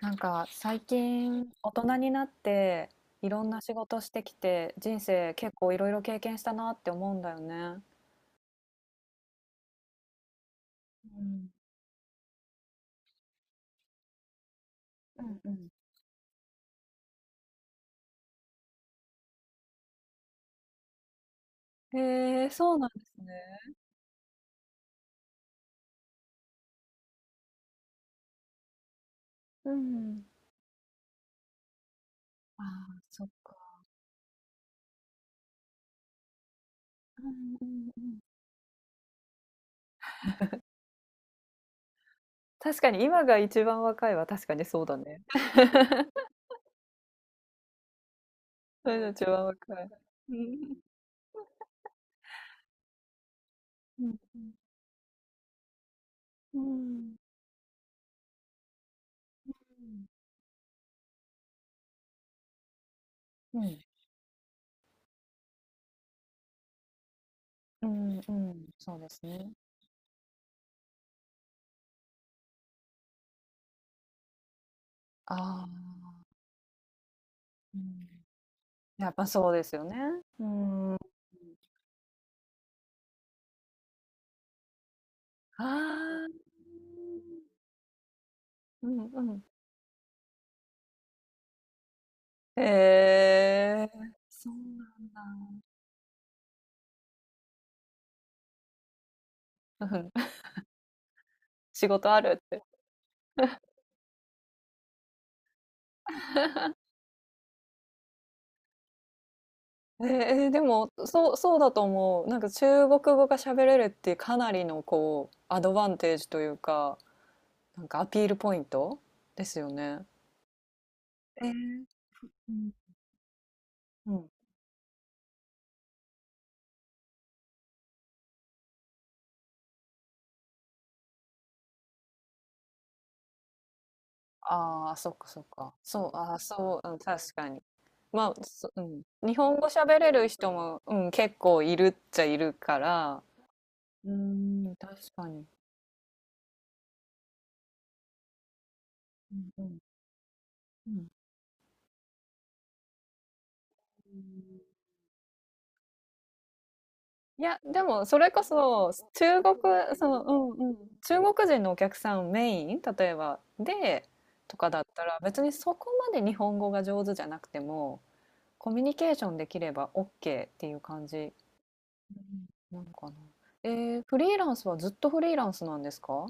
なんか最近大人になっていろんな仕事してきて人生結構いろいろ経験したなって思うんだよね。うん、うんうん。へえ、そうなんですね。うん。ああ、そっか。うんうんうん。確かに今が一番若いは確かにそうだね。私が一番若い。うん。うんうん。うん。うん。うん、うん、うん、そうですね。ああ、うん。やっぱそうですよね。うん。ああ、うんうん。へえ。そうなんだ。うん、仕事あるって。えーえ、でも、そう、そうだと思う。なんか中国語が喋れるってかなりのこう、アドバンテージというか、なんかアピールポイントですよね。えー、うん、うん。ああ、そっかそっか。そう、ああ、そう、うん、確かに。まあ、うん。日本語喋れる人も、うん、結構いるっちゃいるから、うん、確かに。うんうん、うん。いや、でもそれこそ、中国そのうんうん、中国人のお客さんメイン、例えば、で、とかだったら、別にそこまで日本語が上手じゃなくても、コミュニケーションできればオッケーっていう感じなのかな。フリーランスはずっとフリーランスなんですか？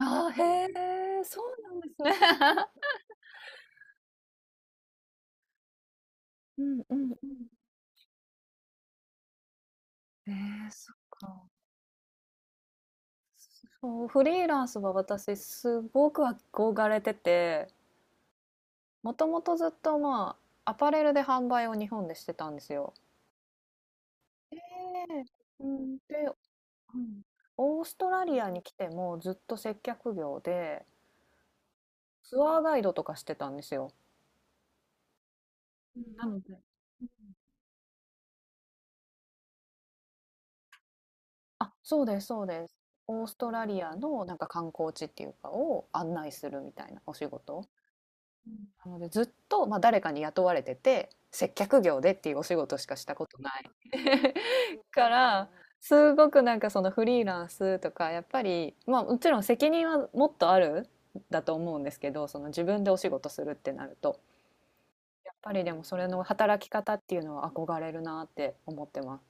ああー、へえ、そうなんですね。うんうんうん。えーそっか。そう、フリーランスは私すごく憧れてて、もともとずっと、まあ、アパレルで販売を日本でしてたんですよ。ええ、うん、で、うん、オーストラリアに来てもずっと接客業でツアーガイドとかしてたんですよ。うん、なので、あ、そうです、そうです。オーストラリアのなんか観光地っていうかを案内するみたいなお仕事。うん、なのでずっと、まあ、誰かに雇われてて接客業でっていうお仕事しかしたことないからすごくなんかそのフリーランスとかやっぱり、まあ、もちろん責任はもっとあるんだと思うんですけど、その自分でお仕事するってなると、やっぱりでもそれの働き方っていうのは憧れるなって思ってます。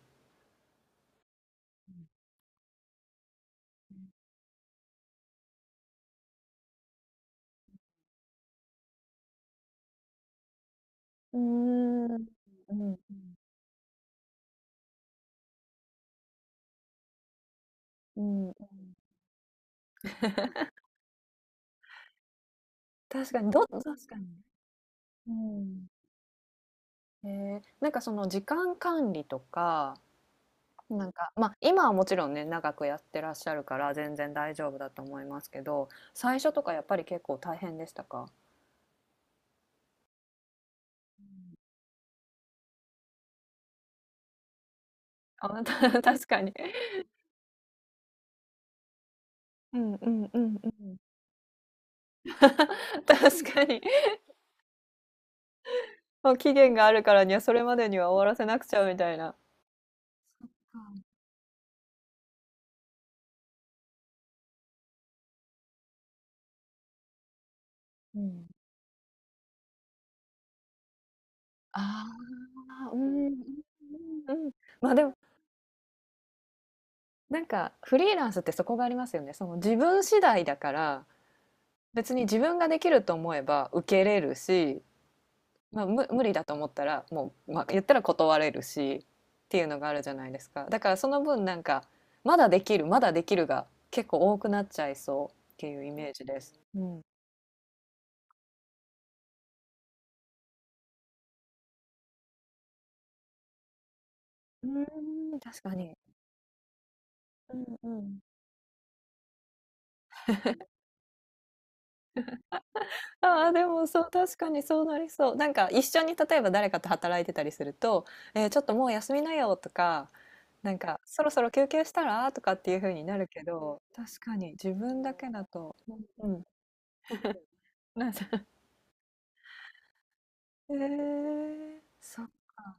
うーん、うん、うん、確かに、ど確かに。うん、えー、なんかその時間管理とか、なんか、まあ、今はもちろんね、長くやってらっしゃるから全然大丈夫だと思いますけど、最初とかやっぱり結構大変でしたか？あ、確かに。うんうんうんうん。確かに。もう期限があるからには、それまでには終わらせなくちゃみたいな。そっか。うん。ああ、うんうんうん。ま、でも、なんかフリーランスってそこがありますよね。その自分次第だから、別に自分ができると思えば受けれるし、まあ、む無理だと思ったらもう、まあ、言ったら断れるしっていうのがあるじゃないですか。だからその分なんかまだできるまだできるが結構多くなっちゃいそうっていうイメージです。うん、うーん、確かに。うんうん、ああでもそう、確かにそうなりそう。なんか一緒に例えば誰かと働いてたりすると「えーちょっともう休みなよ」とか「なんかそろそろ休憩したら？」とかっていう風になるけど、確かに自分だけだと、うんうん、なんか、へえ、そっか。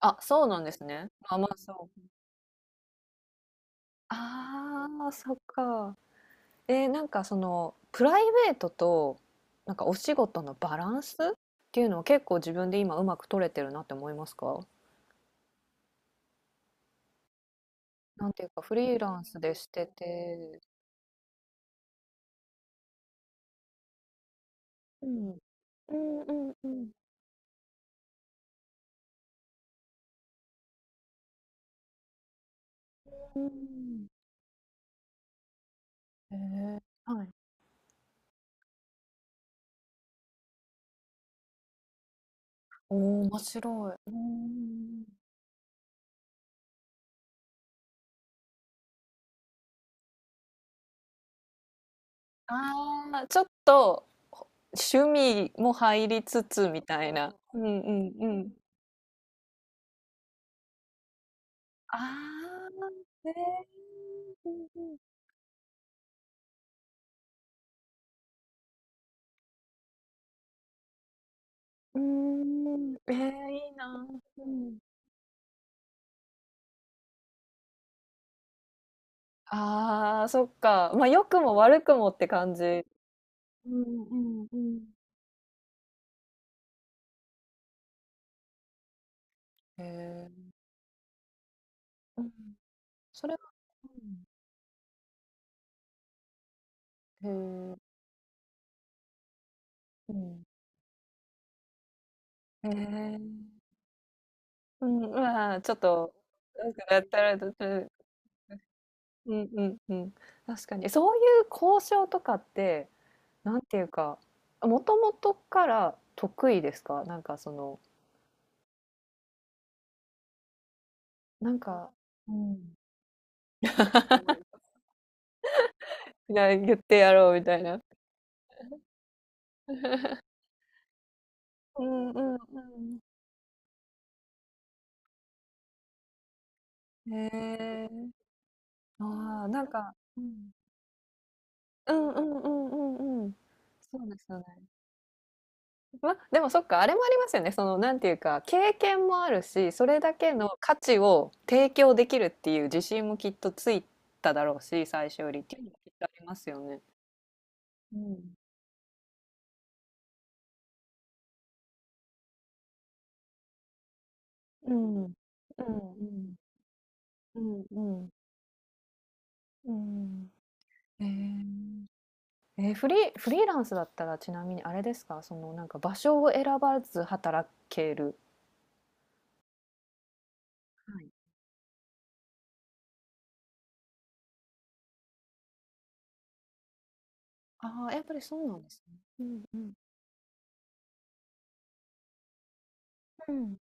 あ、そうなんですね。まあまあ、そう。ああ、そっか。えー、なんかそのプライベートとなんかお仕事のバランスっていうのは結構自分で今うまく取れてるなって思いますか？なんていうかフリーランスでしてて、うん、うんうんうんうん。へえー、はい。おお、面白い。うん。ああ、ちょっと、趣味も入りつつみたいな。うんうんうん。ああ、へえ。うんうん。うーん、ええ、いいな。うん。ああ、そっか。まあ、良くも悪くもって感じ。うんうんうん。へえ。うん。それはうん。へえ。うん。へえ。うん、うわ、ちょっと、なんかやったら、うん、うんうんうん。確かに。そういう交渉とかって、なんていうか、もともとから得意ですか？なんかその、なんか、うん。言ってやろうみたいな。うんうんうん。へえ。ああ、なんか、うん。うんうんうんうんうん。そうですよね。ま、でもそっか、あれもありますよね。その、なんていうか、経験もあるし、それだけの価値を提供できるっていう自信もきっとついただろうし、最初よりっていうのもきっとありますよね。うん、うん、うん、うん、うん、うん。えー、フリーランスだったらちなみにあれですか、そのなんか場所を選ばず働ける。はい。ああ、やっぱりそうなんですね。うんうんうん。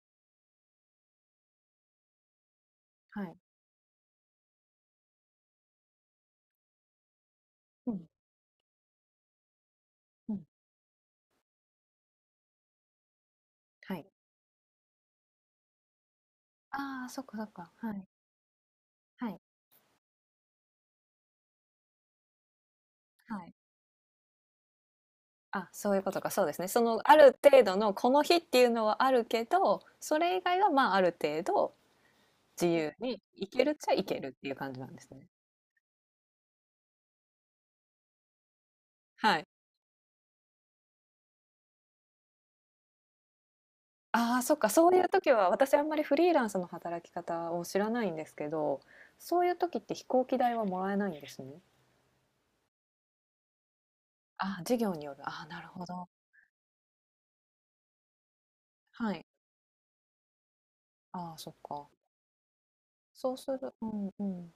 はい。うんうん。はい。ああ、そっかそっか。はい。はい。はい。あ、そういうことか、そうですね。そのある程度のこの日っていうのはあるけど、それ以外はまあある程度自由に行けるっちゃ行けるっていう感じなんですね。はい。ああ、そっか、そういう時は私あんまりフリーランスの働き方を知らないんですけど、そういう時って飛行機代はもらえないんですね。ああ、事業による。ああ、なるほど。はい。ああ、そっか。そうする。うんうん。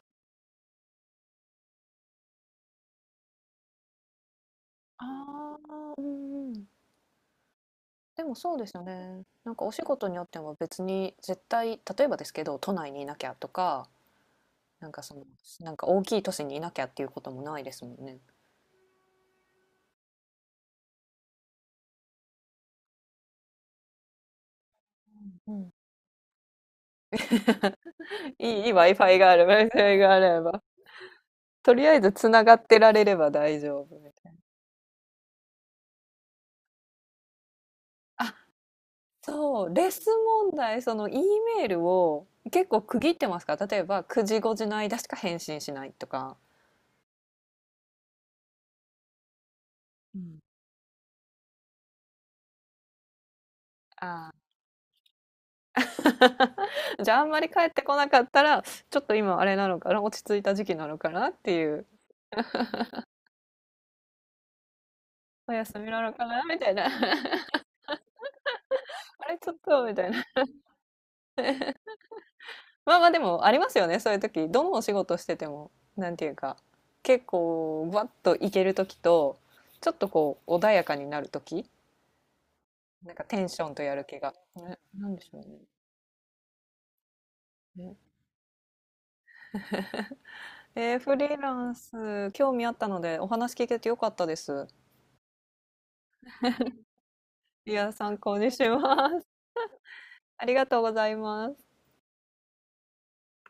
ああ、うんうん。でもそうですよね。なんかお仕事によっても別に絶対、例えばですけど、都内にいなきゃとか、なんかその、なんか大きい都市にいなきゃっていうこともないですもんね。うん。いい、いい Wi-Fi がある、Wi-Fi があれば。とりあえずつながってられれば大丈夫みたいな。そう、問題、その Eメールを結構区切ってますか？例えば9時5時の間しか返信しないとか。うん。ああ、じゃああんまり帰ってこなかったら、ちょっと今あれなのかな、落ち着いた時期なのかなっていう。お休みなのかなみたいな。あれちょっとみたいな。まあまあでもありますよね。そういう時。どのお仕事してても、なんていうか、結構バッといける時と、ちょっとこう穏やかになる時。なんかテンションとやる気が。ね、なんでしょうね。ねフリーランス、興味あったのでお話聞けてよかったです。いや、参考にします。ありがとうございます。